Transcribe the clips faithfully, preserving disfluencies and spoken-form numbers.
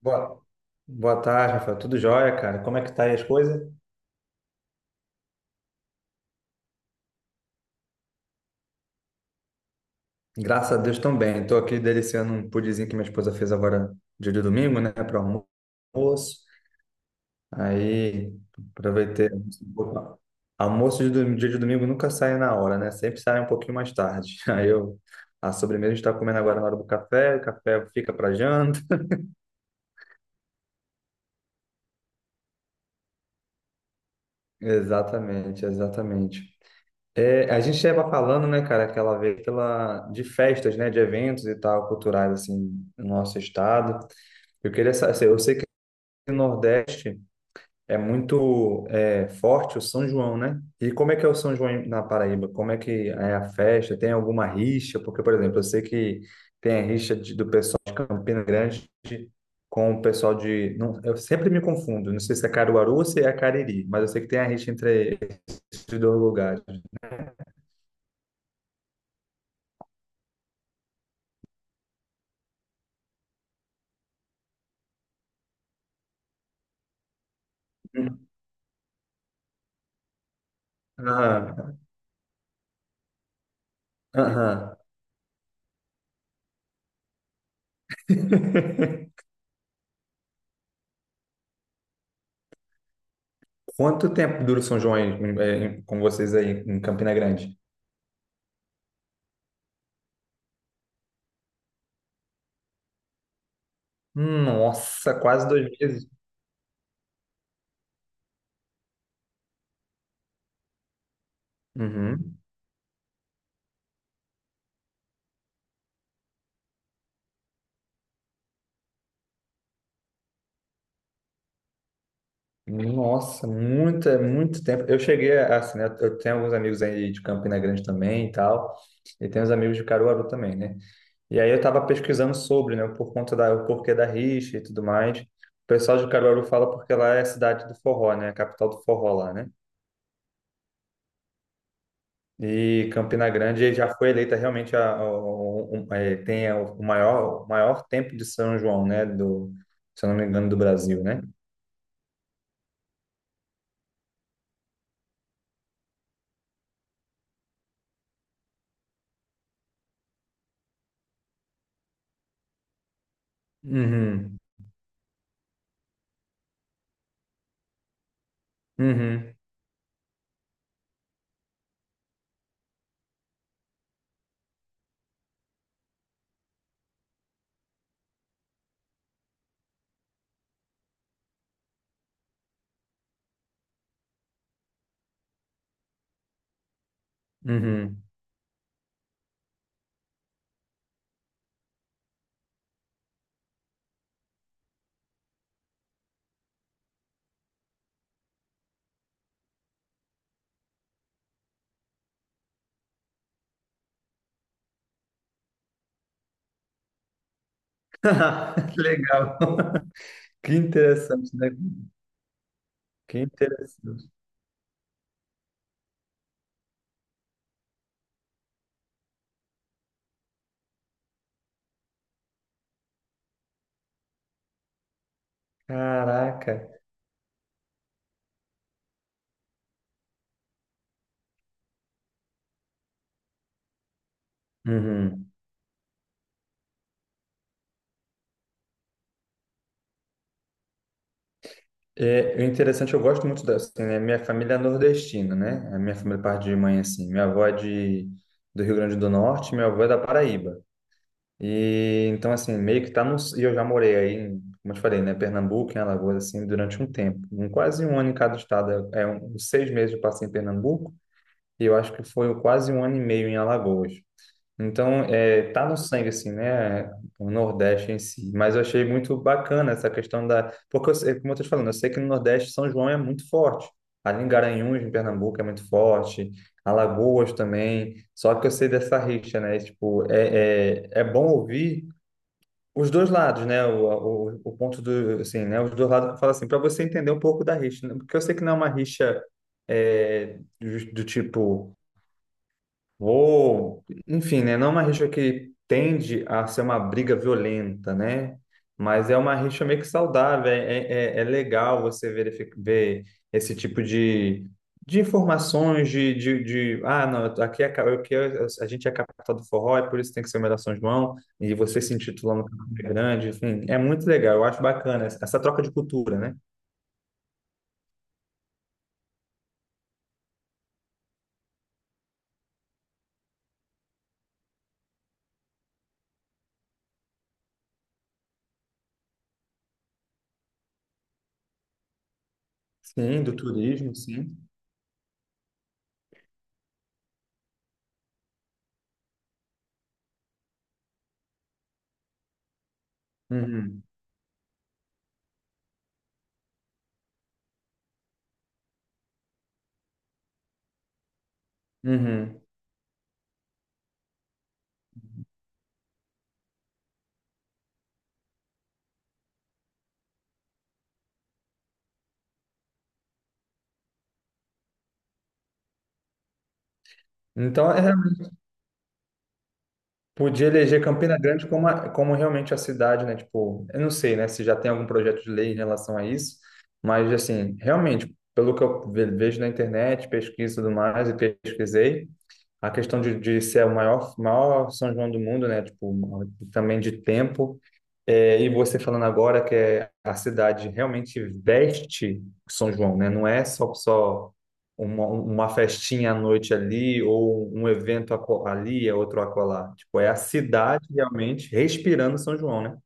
Boa, boa tarde, Rafael. Tudo jóia, cara? Como é que tá aí as coisas? Graças a Deus também. Estou aqui deliciando um pudinzinho que minha esposa fez agora dia de domingo, né, para almoço. Aí aproveitei um pouco. Almoço de dom- dia de domingo nunca sai na hora, né? Sempre sai um pouquinho mais tarde. Aí eu a sobremesa a gente está comendo agora na hora do café, o café fica para janta. Exatamente, exatamente. É, a gente estava falando, né, cara, aquela vez pela, de festas, né, de eventos e tal, culturais, assim, no nosso estado. Eu queria saber, eu sei que no Nordeste é muito é, forte o São João, né? E como é que é o São João em- na Paraíba? Como é que é a festa? Tem alguma rixa? Porque, por exemplo, eu sei que tem a rixa de- do pessoal de Campina Grande com o pessoal de. Não, eu sempre me confundo, não sei se é Caruaru ou se é Cariri, mas eu sei que tem a rixa entre esses dois lugares. Aham, aham. Quanto tempo dura o São João aí, em- é, em- com vocês aí em Campina Grande? Nossa, quase dois meses. Uhum. Nossa, muito, é muito tempo. Eu cheguei a- assim, né? Eu tenho alguns amigos aí de Campina Grande também e tal, e tenho uns amigos de Caruaru também, né? E aí eu tava pesquisando sobre, né, por conta da, o porquê da rixa e tudo mais. O pessoal de Caruaru fala porque lá é a cidade do forró, né? A capital do forró lá, né? E Campina Grande já foi eleita realmente a, a- um- é, tem o maior, o maior tempo de São João, né? Do, se eu não me engano, do Brasil, né? Uhum, uhum, uhum. Que legal. Que interessante, né? Que interessante. Caraca. Uhum. É, o interessante, eu gosto muito da, assim, né? Minha família é nordestina, né? A minha família parte de mãe, assim. Minha avó é de, do Rio Grande do Norte, minha avó é da Paraíba. E então, assim, meio que tá no. E eu já morei aí, em, como eu te falei, né? Pernambuco, em Alagoas, assim, durante um tempo. Um, quase um ano em cada estado. É, é um, seis meses eu passei em Pernambuco e eu acho que foi quase um ano e meio em Alagoas. Então, é, tá no sangue, assim, né? O Nordeste em si. Mas eu achei muito bacana essa questão da. Porque, eu sei- como eu tô te falando, eu sei que no Nordeste São João é muito forte. Ali em Garanhuns, em Pernambuco, é muito forte. Alagoas também. Só que eu sei dessa rixa, né? Tipo, é, é, é bom ouvir os dois lados, né? O, o, o ponto do, assim, né? Os dois lados, fala assim, para você entender um pouco da rixa, né? Porque eu sei que não é uma rixa é, do, do tipo. Ou, enfim, né? Não é uma rixa que tende a ser uma briga violenta, né? Mas é uma rixa meio que saudável. É, é, é é legal você verific- ver esse tipo de, de informações, de, de, de, ah, não, aqui, é, ca- aqui é- a gente é capital do forró, é por isso que tem que ser o melhor São João, e você se intitulando grande, enfim, é muito legal. Eu acho bacana essa essa troca de cultura, né? Sim, do turismo, sim. Uhum. Uhum. Então, é podia eleger Campina Grande como, a- como realmente a cidade, né? Tipo, eu não sei, né, se já tem algum projeto de lei em relação a isso, mas, assim, realmente, pelo que eu ve- vejo na internet, pesquiso e tudo mais, e pesquisei, a questão de, de ser o maior, maior São João do mundo, né? Tipo, também de tempo. É, e você falando agora que é, a cidade realmente veste São João, né? Não é só, só uma, uma festinha à noite ali ou um evento aco- ali, é outro acolá. Tipo, é a cidade realmente respirando São João, né?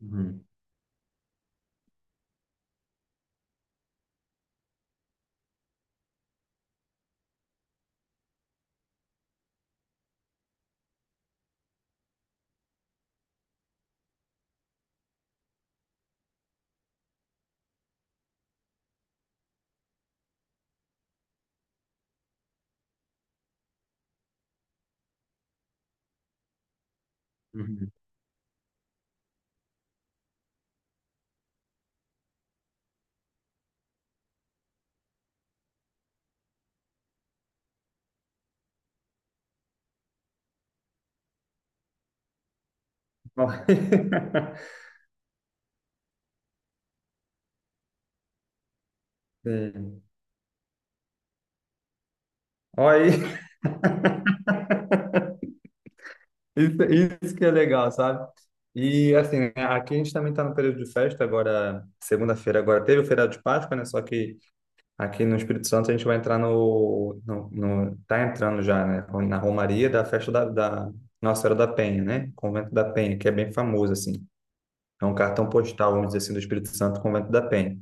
Uhum, uhum. Sim. Olha aí, Isso, isso que é legal, sabe? E assim, né, aqui a gente também está no período de festa agora, segunda-feira agora teve o feriado de Páscoa, né? Só que aqui no Espírito Santo a gente vai entrar no, no, no- tá entrando já, né? Na Romaria da festa da, da Nossa Senhora da Penha, né? Convento da Penha, que é bem famoso assim. É um cartão postal, vamos dizer assim, do Espírito Santo, Convento da Penha.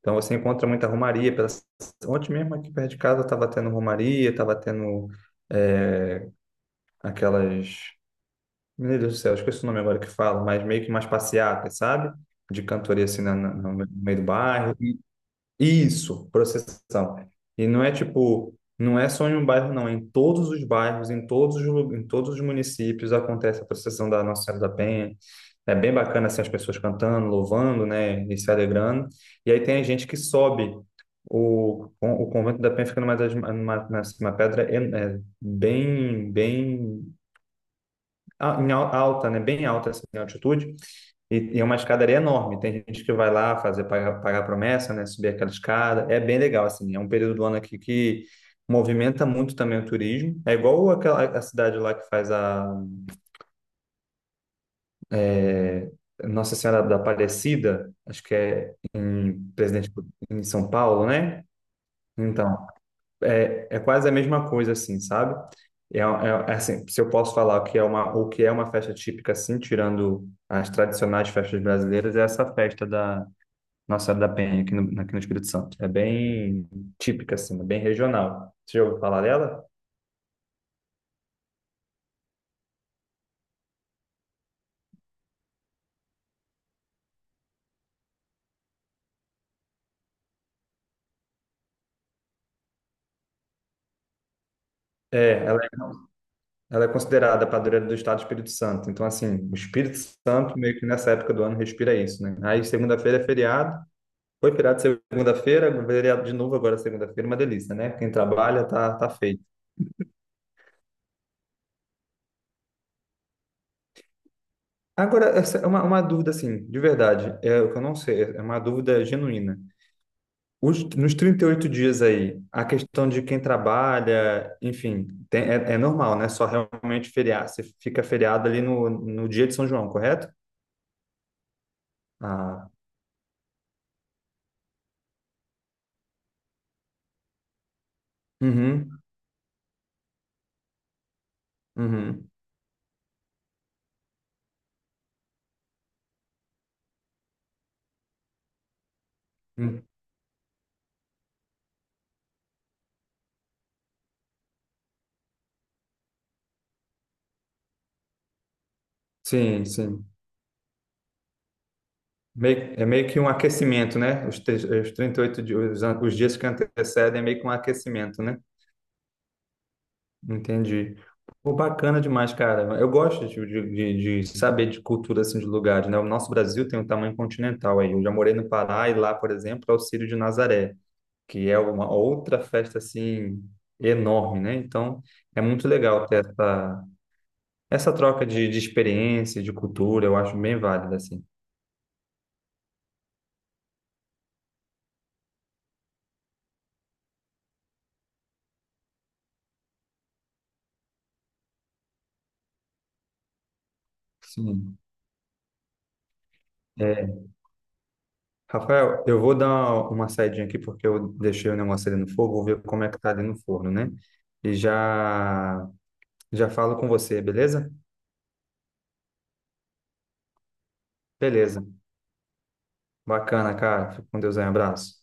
Então você encontra muita romaria. Pela. Ontem mesmo aqui perto de casa estava tendo romaria, estava tendo é, aquelas meu Deus do céu, esqueci o nome agora que fala, mas meio que umas passeatas, sabe? De cantoria assim na- na- no meio do bairro. E- Isso, procissão. E não é tipo, não é só em um bairro, não. Em todos os bairros, em todos os, lu- em todos os municípios acontece a procissão da Nossa Senhora da Penha. É bem bacana assim, as pessoas cantando, louvando, né? E se alegrando. E aí tem a gente que sobe. O, o convento da Penha fica numa, das- numa, numa pedra en- é, bem, bem a- em al- alta, né? Bem alta, assim, em altitude. E, e é uma escadaria enorme. Tem gente que vai lá fazer pagar, pagar promessa, né? Subir aquela escada. É bem legal, assim. É um período do ano aqui que movimenta muito também o turismo. É igual aquela a cidade lá que faz a é, Nossa Senhora da Aparecida, acho que é em Presidente em São Paulo, né? Então, é, é quase a mesma coisa, assim, sabe? É, é- é assim, se eu posso falar o que é uma, o que é uma festa típica, assim, tirando as tradicionais festas brasileiras, é essa festa da Nossa Senhora da Penha aqui no, aqui no Espírito Santo. É bem típica, assim, é bem regional. Você já ouviu falar dela? É, ela, é- ela é considerada a padroeira do Estado do Espírito Santo. Então, assim, o Espírito Santo meio que nessa época do ano respira isso, né? Aí, segunda-feira é feriado. Foi feriado segunda-feira, feriado de novo agora segunda-feira, uma delícia, né? Quem trabalha tá, tá feito. Agora, essa é uma, uma dúvida, assim, de verdade, é o que eu não sei, é uma dúvida genuína. Os, nos trinta e oito dias aí, a questão de quem trabalha, enfim, tem- é, é normal, né? Só realmente feriar. Você fica feriado ali no, no dia de São João, correto? Ah, uhum, uhum. Hum, sim, sim. Meio- é meio que um aquecimento, né? Os, tre- os trinta e oito dias, os, an- os dias que antecedem é meio que um aquecimento, né? Entendi. Pô, bacana demais, cara. Eu gosto de, de, de- saber de cultura assim, de lugares, né? O nosso Brasil tem um tamanho continental aí. Eu já morei no Pará e lá, por exemplo, é o Círio de Nazaré, que é uma outra festa assim enorme, né? Então, é muito legal ter essa, essa troca de, de experiência, de cultura, eu acho bem válida, assim. Sim. É. Rafael, eu vou dar uma saidinha aqui porque eu deixei o negócio ali no fogo, vou ver como é que tá ali no forno, né? E já Já falo com você, beleza? Beleza. Bacana, cara. Fica com Deus aí. Um abraço.